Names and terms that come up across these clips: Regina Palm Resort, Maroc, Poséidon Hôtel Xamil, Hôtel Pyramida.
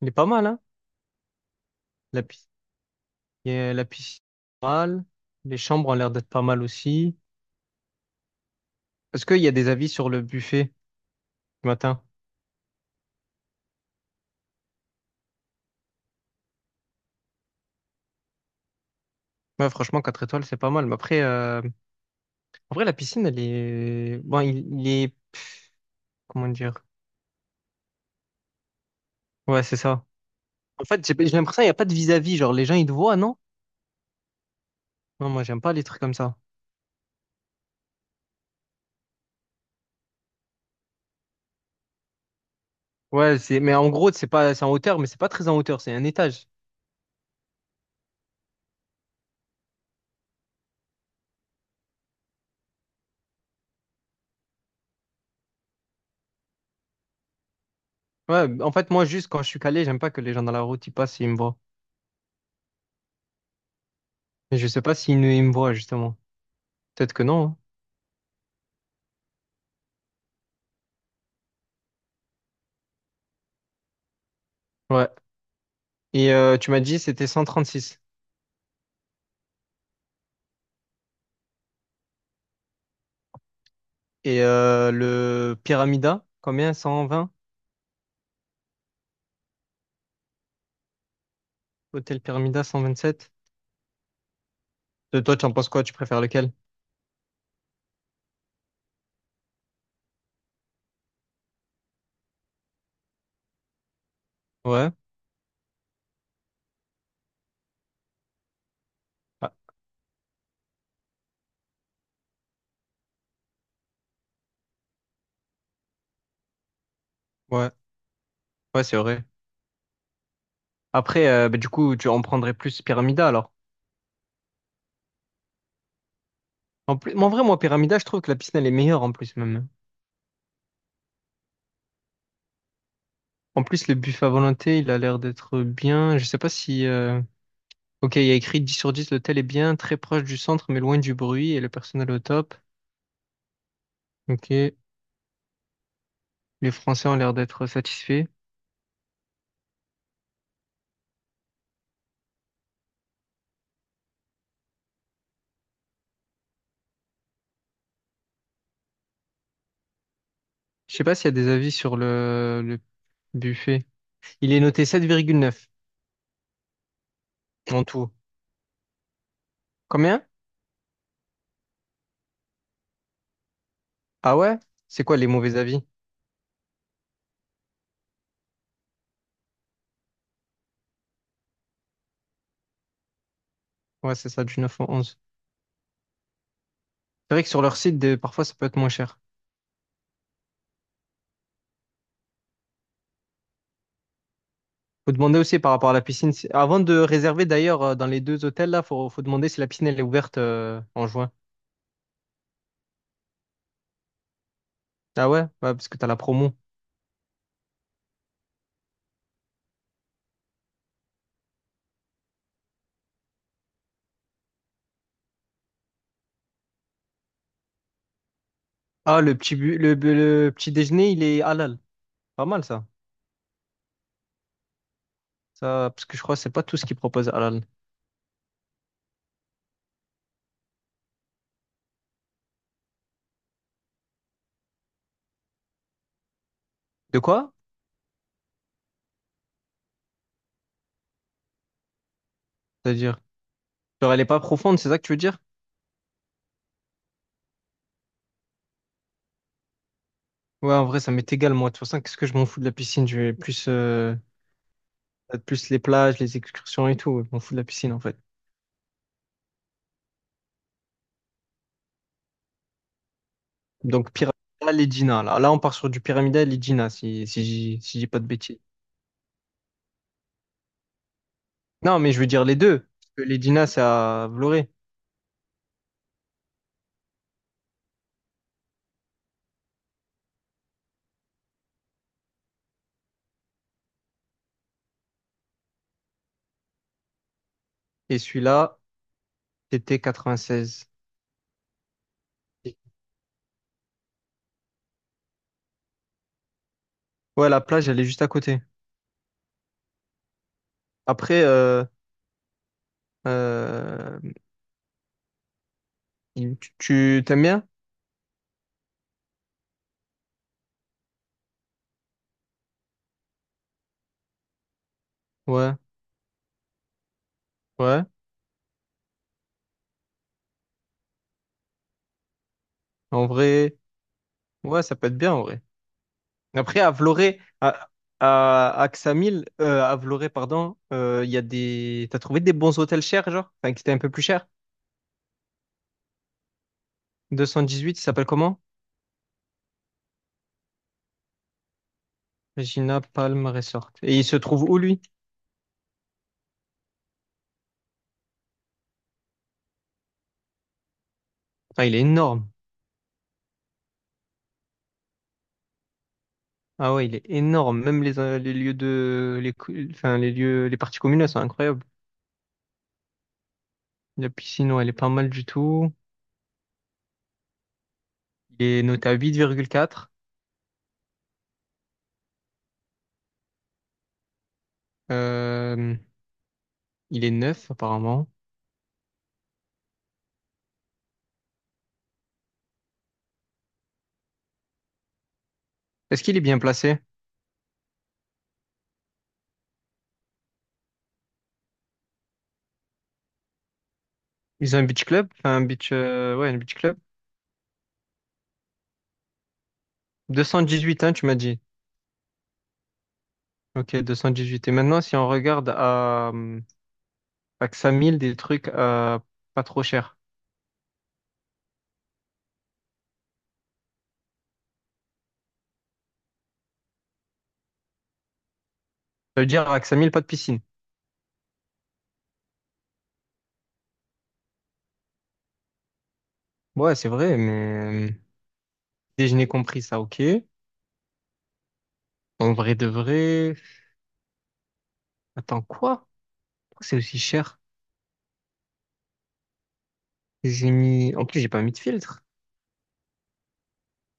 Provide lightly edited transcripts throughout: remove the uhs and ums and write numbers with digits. Il est pas mal, hein? La, pi- la piscine est pas mal. Les chambres ont l'air d'être pas mal aussi. Est-ce qu'il y a des avis sur le buffet du matin? Ouais, franchement, quatre étoiles, c'est pas mal. Mais après, en vrai, la piscine, elle est. Bon, il est. Comment dire? Ouais, c'est ça. En fait, j'ai l'impression qu'il n'y a pas de vis-à-vis. Genre, les gens, ils te voient, non? Non, moi, j'aime pas les trucs comme ça. Ouais, c'est. Mais en gros, c'est pas... c'est en hauteur, mais c'est pas très en hauteur, c'est un étage. Ouais, en fait, moi, juste quand je suis calé, j'aime pas que les gens dans la route, ils passent et ils me voient. Mais je sais pas ils me voient, justement. Peut-être que non. Hein. Ouais. Et tu m'as dit c'était 136. Et le Pyramida, combien? 120? Hôtel Pyramida 127? De toi, tu en penses quoi? Tu préfères lequel? Ouais. Ah, ouais. Ouais, c'est vrai. Après, bah, du coup, tu en prendrais plus Pyramida alors. En plus, mais en vrai, moi, Pyramida, je trouve que la piscine, elle est meilleure en plus même. En plus, le buffet à volonté, il a l'air d'être bien. Je sais pas si. Ok, il y a écrit 10 sur 10, l'hôtel est bien, très proche du centre, mais loin du bruit et le personnel au top. Ok. Les Français ont l'air d'être satisfaits. Je sais pas s'il y a des avis sur le buffet. Il est noté 7,9 en tout. Combien? Ah ouais? C'est quoi les mauvais avis? Ouais, c'est ça, du 9 au 11. C'est vrai que sur leur site, parfois, ça peut être moins cher. Faut demander aussi par rapport à la piscine. Avant de réserver, d'ailleurs, dans les deux hôtels, là, faut demander si la piscine, elle est ouverte en juin. Ah ouais? Ouais, parce que t'as la promo. Ah, le petit, bu- le petit déjeuner, il est halal. Pas mal, ça. Ça, parce que je crois que c'est pas tout ce qu'ils proposent halal. De quoi? C'est-à-dire? Genre, elle est pas profonde, c'est ça que tu veux dire? Ouais, en vrai, ça m'est égal, moi. De toute façon, qu'est-ce que je m'en fous de la piscine? Je vais plus les plages, les excursions et tout. Je m'en fous de la piscine, en fait. Donc, Pyramidal et Gina. Là, là on part sur du Pyramidal et Gina, si j'ai pas de bêtises. Non, mais je veux dire les deux. Parce que les Gina, c'est à Vloré. Et celui-là, c'était 96. Ouais, la plage, elle est juste à côté. Après, euh, t'aimes bien? Ouais, ouais. En vrai, ouais, ça peut être bien, en vrai. Après, à Vloré, à Ksamil, à Vloré, pardon, il y a des. T'as trouvé des bons hôtels chers, genre? Enfin, qui étaient un peu plus chers? 218, il s'appelle comment? Regina Palm Resort. Et il se trouve où, lui? Enfin, il est énorme. Ah ouais, il est énorme. Même les lieux de. Enfin, les lieux, les parties communes, elles sont incroyables. La piscine, ouais, elle est pas mal du tout. Il est noté à 8,4. Euh, il est neuf, apparemment. Est-ce qu'il est bien placé? Ils ont un beach club? Enfin, un beach. Ouais, un beach club. 218, hein, tu m'as dit. Ok, 218. Et maintenant, si on regarde à Ksamil, des trucs pas trop chers. Ça veut dire à Ksamil, pas de piscine. Ouais, c'est vrai, mais déjeuner compris, ça, ok. En vrai de vrai. Attends, quoi? Pourquoi c'est aussi cher? J'ai mis. En plus, j'ai pas mis de filtre.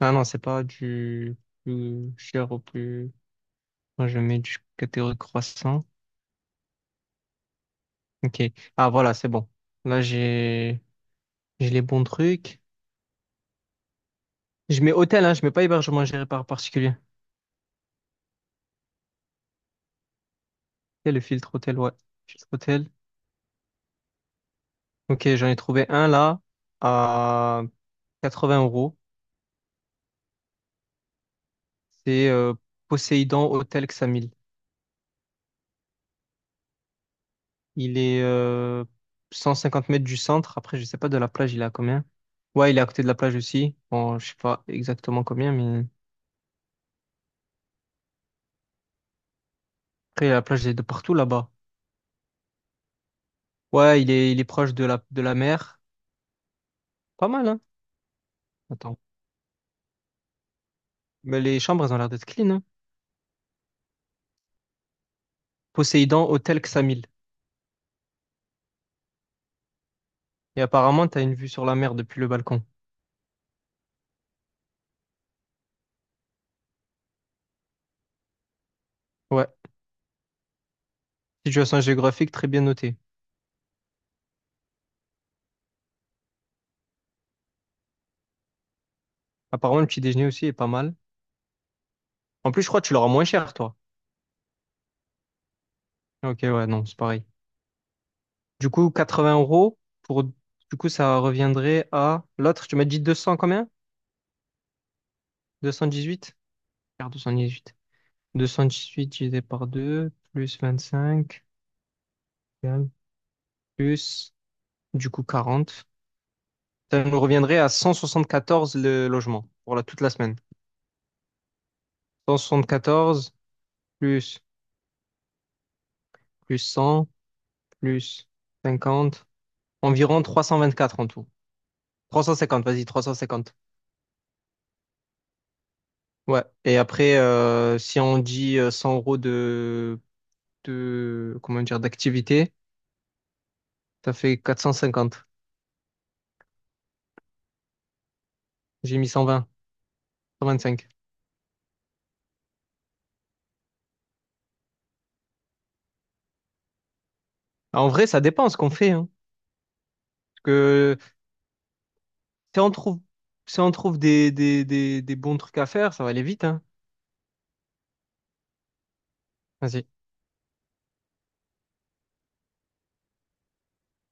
Ah non, c'est pas du plus cher au plus. Moi, je mets du catégorie croissant. Ok. Ah, voilà, c'est bon. Là, j'ai les bons trucs. Je mets hôtel, hein, je mets pas hébergement géré par particulier. Il le filtre hôtel, ouais. Filtre hôtel. Ok, j'en ai trouvé un là à 80 euros. C'est Poséidon Hôtel Xamil. Il est 150 mètres du centre. Après, je sais pas de la plage, il est à combien? Ouais, il est à côté de la plage aussi. Bon, je sais pas exactement combien, mais après, la plage, elle est de partout là-bas. Ouais, il est proche de la mer. Pas mal, hein? Attends. Mais les chambres, elles ont l'air d'être clean, hein? Poséidon Hôtel Xamil. Et apparemment, t'as une vue sur la mer depuis le balcon. Ouais. Situation géographique très bien notée. Apparemment, le petit déjeuner aussi est pas mal. En plus, je crois que tu l'auras moins cher, toi. Ok, ouais, non, c'est pareil. Du coup, 80 € pour. Du coup, ça reviendrait à. L'autre, tu m'as dit 200 combien? 218? Regarde, 218. 218 divisé par deux plus 25, égale plus, du coup, 40. Ça nous reviendrait à 174 le logement pour la, toute la semaine. 174 plus, plus 100, plus 50, environ 324 en tout. 350, vas-y, 350. Ouais. Et après, si on dit 100 € de, comment dire, d'activité, ça fait 450. J'ai mis cent vingt cinq. En vrai, ça dépend ce qu'on fait, hein. Parce que si on trouve, si on trouve des bons trucs à faire, ça va aller vite, hein.